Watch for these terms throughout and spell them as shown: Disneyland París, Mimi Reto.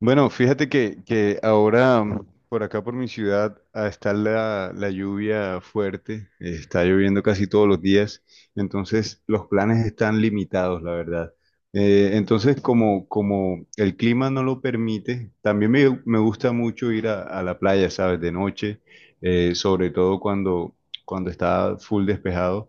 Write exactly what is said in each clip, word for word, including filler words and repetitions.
Bueno, fíjate que, que ahora mm, por acá por mi ciudad ah, está la, la lluvia fuerte, eh, está lloviendo casi todos los días, entonces los planes están limitados, la verdad. Eh, entonces, como, como el clima no lo permite, también me, me gusta mucho ir a, a la playa, ¿sabes? De noche, eh, sobre todo cuando, cuando está full despejado.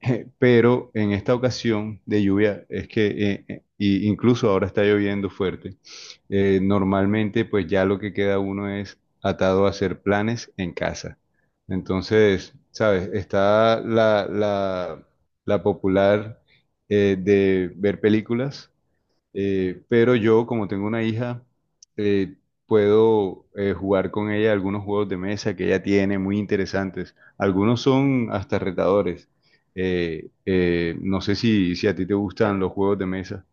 Pero en esta ocasión de lluvia es que eh, eh, y incluso ahora está lloviendo fuerte. eh, normalmente pues ya lo que queda uno es atado a hacer planes en casa. Entonces, ¿sabes? Está la, la, la popular eh, de ver películas, eh, pero yo, como tengo una hija, eh, puedo eh, jugar con ella algunos juegos de mesa que ella tiene muy interesantes. Algunos son hasta retadores. Eh, eh, no sé si, si a ti te gustan los juegos de mesa.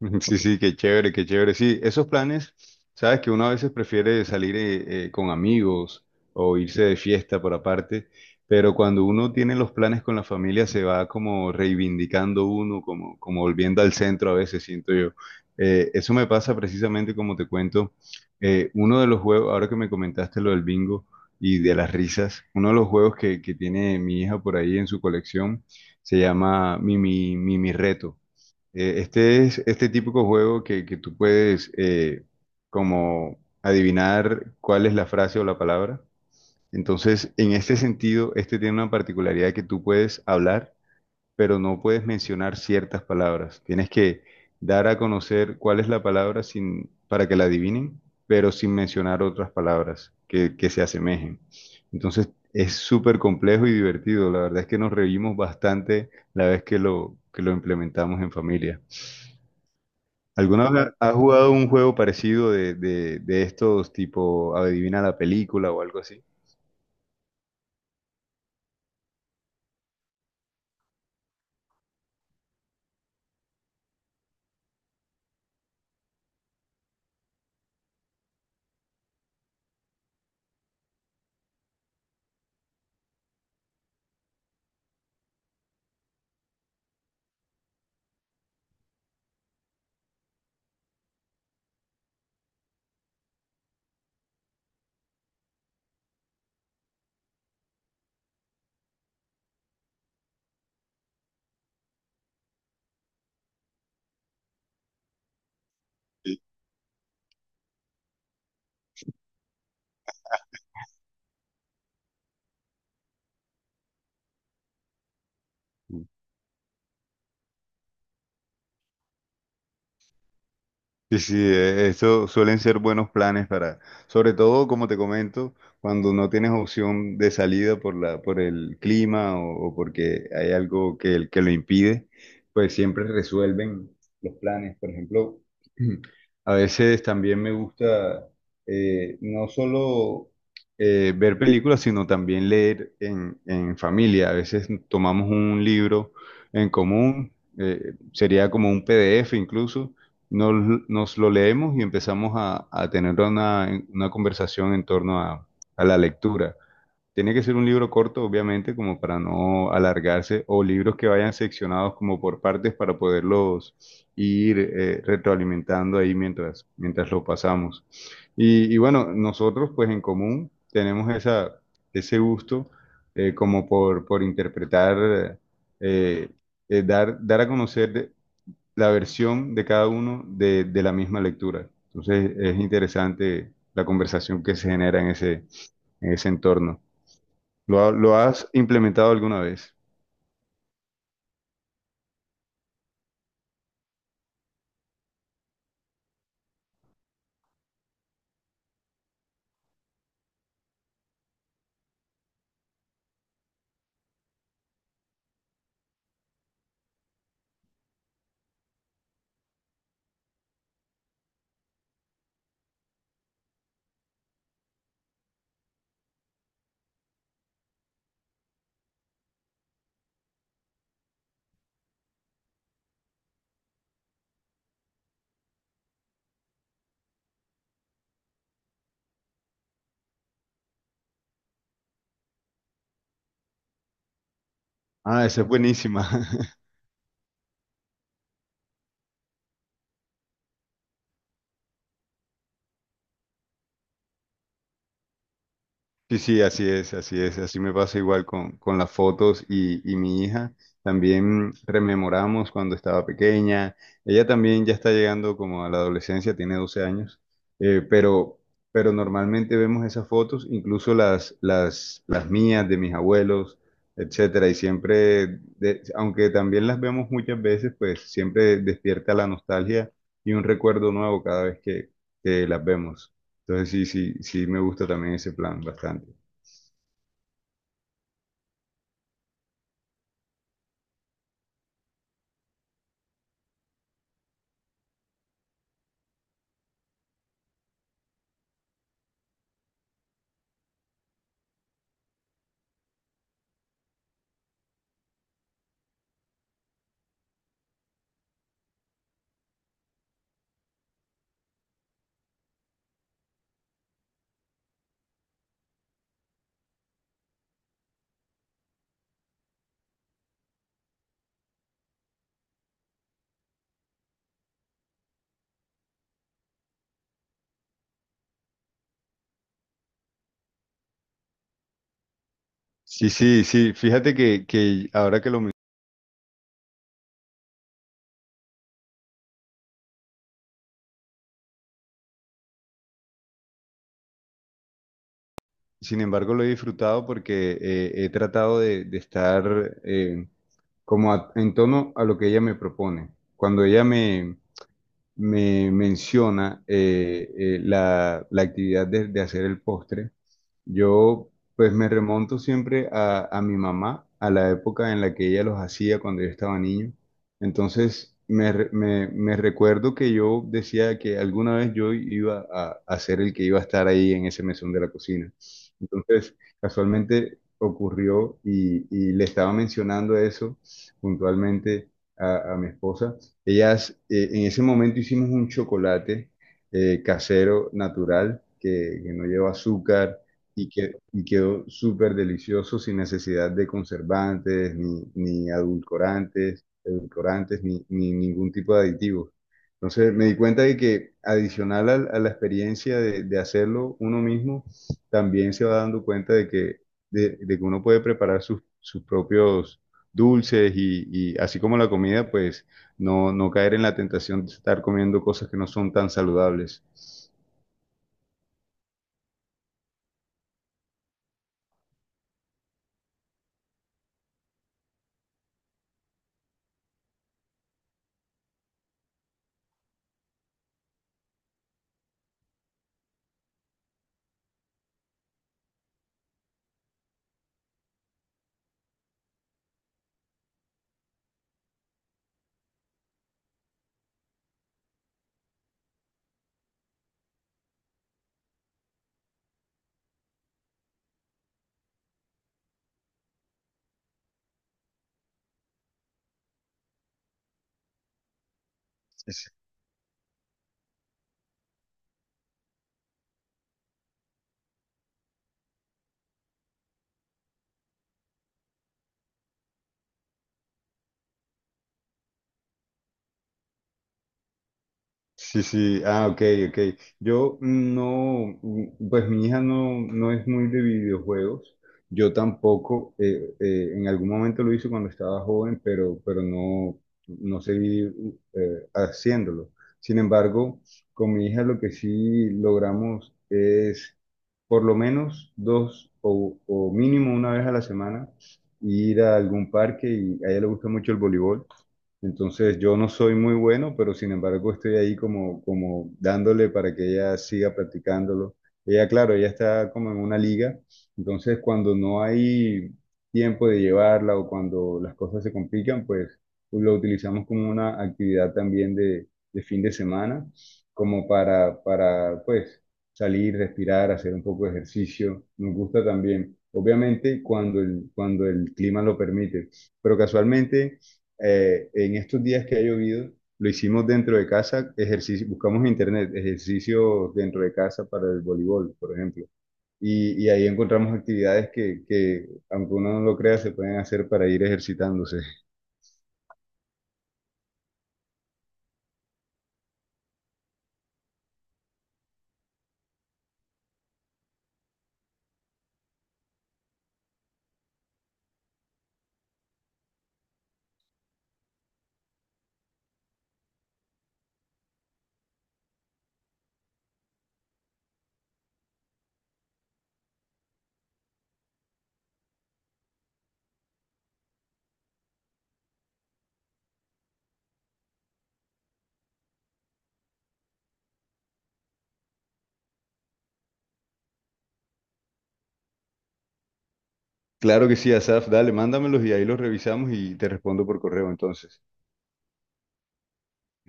Sí, sí, qué chévere, qué chévere. Sí, esos planes, sabes que uno a veces prefiere salir eh, eh, con amigos o irse de fiesta por aparte, pero cuando uno tiene los planes con la familia se va como reivindicando uno, como, como volviendo al centro a veces, siento yo. Eh, eso me pasa precisamente como te cuento, eh, uno de los juegos, ahora que me comentaste lo del bingo y de las risas, uno de los juegos que, que tiene mi hija por ahí en su colección se llama Mimi, Mimi Reto. Eh, este es este típico juego que, que tú puedes eh, como adivinar cuál es la frase o la palabra. Entonces, en este sentido, este tiene una particularidad que tú puedes hablar, pero no puedes mencionar ciertas palabras. Tienes que dar a conocer cuál es la palabra sin, para que la adivinen, pero sin mencionar otras palabras que, que se asemejen. Entonces, es súper complejo y divertido. La verdad es que nos reímos bastante la vez que lo, que lo implementamos en familia. ¿Alguna vez has jugado un juego parecido de, de, de estos tipo adivina la película o algo así? Sí, sí, eh, eso suelen ser buenos planes para, sobre todo como te comento, cuando no tienes opción de salida por la, por el clima o, o porque hay algo que, que lo impide, pues siempre resuelven los planes. Por ejemplo, a veces también me gusta eh, no solo eh, ver películas, sino también leer en, en familia. A veces tomamos un libro en común, eh, sería como un P D F incluso nos, nos lo leemos y empezamos a, a tener una, una conversación en torno a, a la lectura. Tiene que ser un libro corto, obviamente, como para no alargarse, o libros que vayan seccionados como por partes para poderlos ir eh, retroalimentando ahí mientras, mientras lo pasamos. Y, y bueno, nosotros pues en común tenemos esa, ese gusto, eh, como por, por interpretar, eh, eh, dar, dar a conocer la versión de cada uno de, de la misma lectura. Entonces es interesante la conversación que se genera en ese, en ese entorno. ¿Lo, ha- lo has implementado alguna vez? Ah, esa es buenísima. Sí, sí, así es, así es, así me pasa igual con, con las fotos y, y mi hija. También rememoramos cuando estaba pequeña. Ella también ya está llegando como a la adolescencia, tiene doce años, eh, pero, pero normalmente vemos esas fotos, incluso las, las, las mías, de mis abuelos, etcétera. Y siempre, de- aunque también las vemos muchas veces, pues siempre despierta la nostalgia y un recuerdo nuevo cada vez que, que las vemos. Entonces sí, sí, sí me gusta también ese plan bastante. Sí, sí, sí. Fíjate que, que ahora que lo Sin embargo, lo he disfrutado porque eh, he tratado de, de estar eh, como a- en tono a lo que ella me propone. Cuando ella me, me menciona eh, eh, la, la actividad de, de hacer el postre, yo pues me remonto siempre a, a mi mamá, a la época en la que ella los hacía cuando yo estaba niño. Entonces me, re- me, me recuerdo que yo decía que alguna vez yo iba a, a ser el que iba a estar ahí en ese mesón de la cocina. Entonces, casualmente ocurrió y, y le estaba mencionando eso puntualmente a, a mi esposa. Ellas, eh, en ese momento hicimos un chocolate eh, casero, natural, que, que no lleva azúcar y, que, y quedó súper delicioso sin necesidad de conservantes, ni, ni adulcorantes, edulcorantes, ni, ni ningún tipo de aditivos. Entonces me di cuenta de que adicional al- a, la experiencia de, de hacerlo uno mismo, también se va dando cuenta de que, de, de que uno puede preparar sus, sus propios dulces y, y así como la comida, pues no, no caer en la tentación de estar comiendo cosas que no son tan saludables. Sí, sí, ah, ok, ok. Yo mm, no, mm, pues mi hija no, no es muy de videojuegos. Yo tampoco, eh, eh, en algún momento lo hice cuando estaba joven, pero, pero no, no seguí uh, eh, haciéndolo. Sin embargo, con mi hija lo que sí logramos es por lo menos dos o, o mínimo una vez a la semana ir a algún parque y a ella le gusta mucho el voleibol. Entonces yo no soy muy bueno, pero sin embargo estoy ahí como, como dándole para que ella siga practicándolo. Ella, claro, ella está como en una liga, entonces cuando no hay tiempo de llevarla o cuando las cosas se complican, pues pues, lo utilizamos como una actividad también de, de fin de semana, como para, para pues salir, respirar, hacer un poco de ejercicio. Nos gusta también, obviamente cuando el, cuando el clima lo permite, pero casualmente eh, en estos días que ha llovido, lo hicimos dentro de casa, ejercicio, buscamos en internet ejercicios dentro de casa para el voleibol, por ejemplo. Y, y ahí encontramos actividades que, que, aunque uno no lo crea, se pueden hacer para ir ejercitándose. Claro que sí, Asaf, dale, mándamelos y ahí los revisamos y te respondo por correo entonces.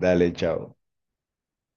Dale, chao.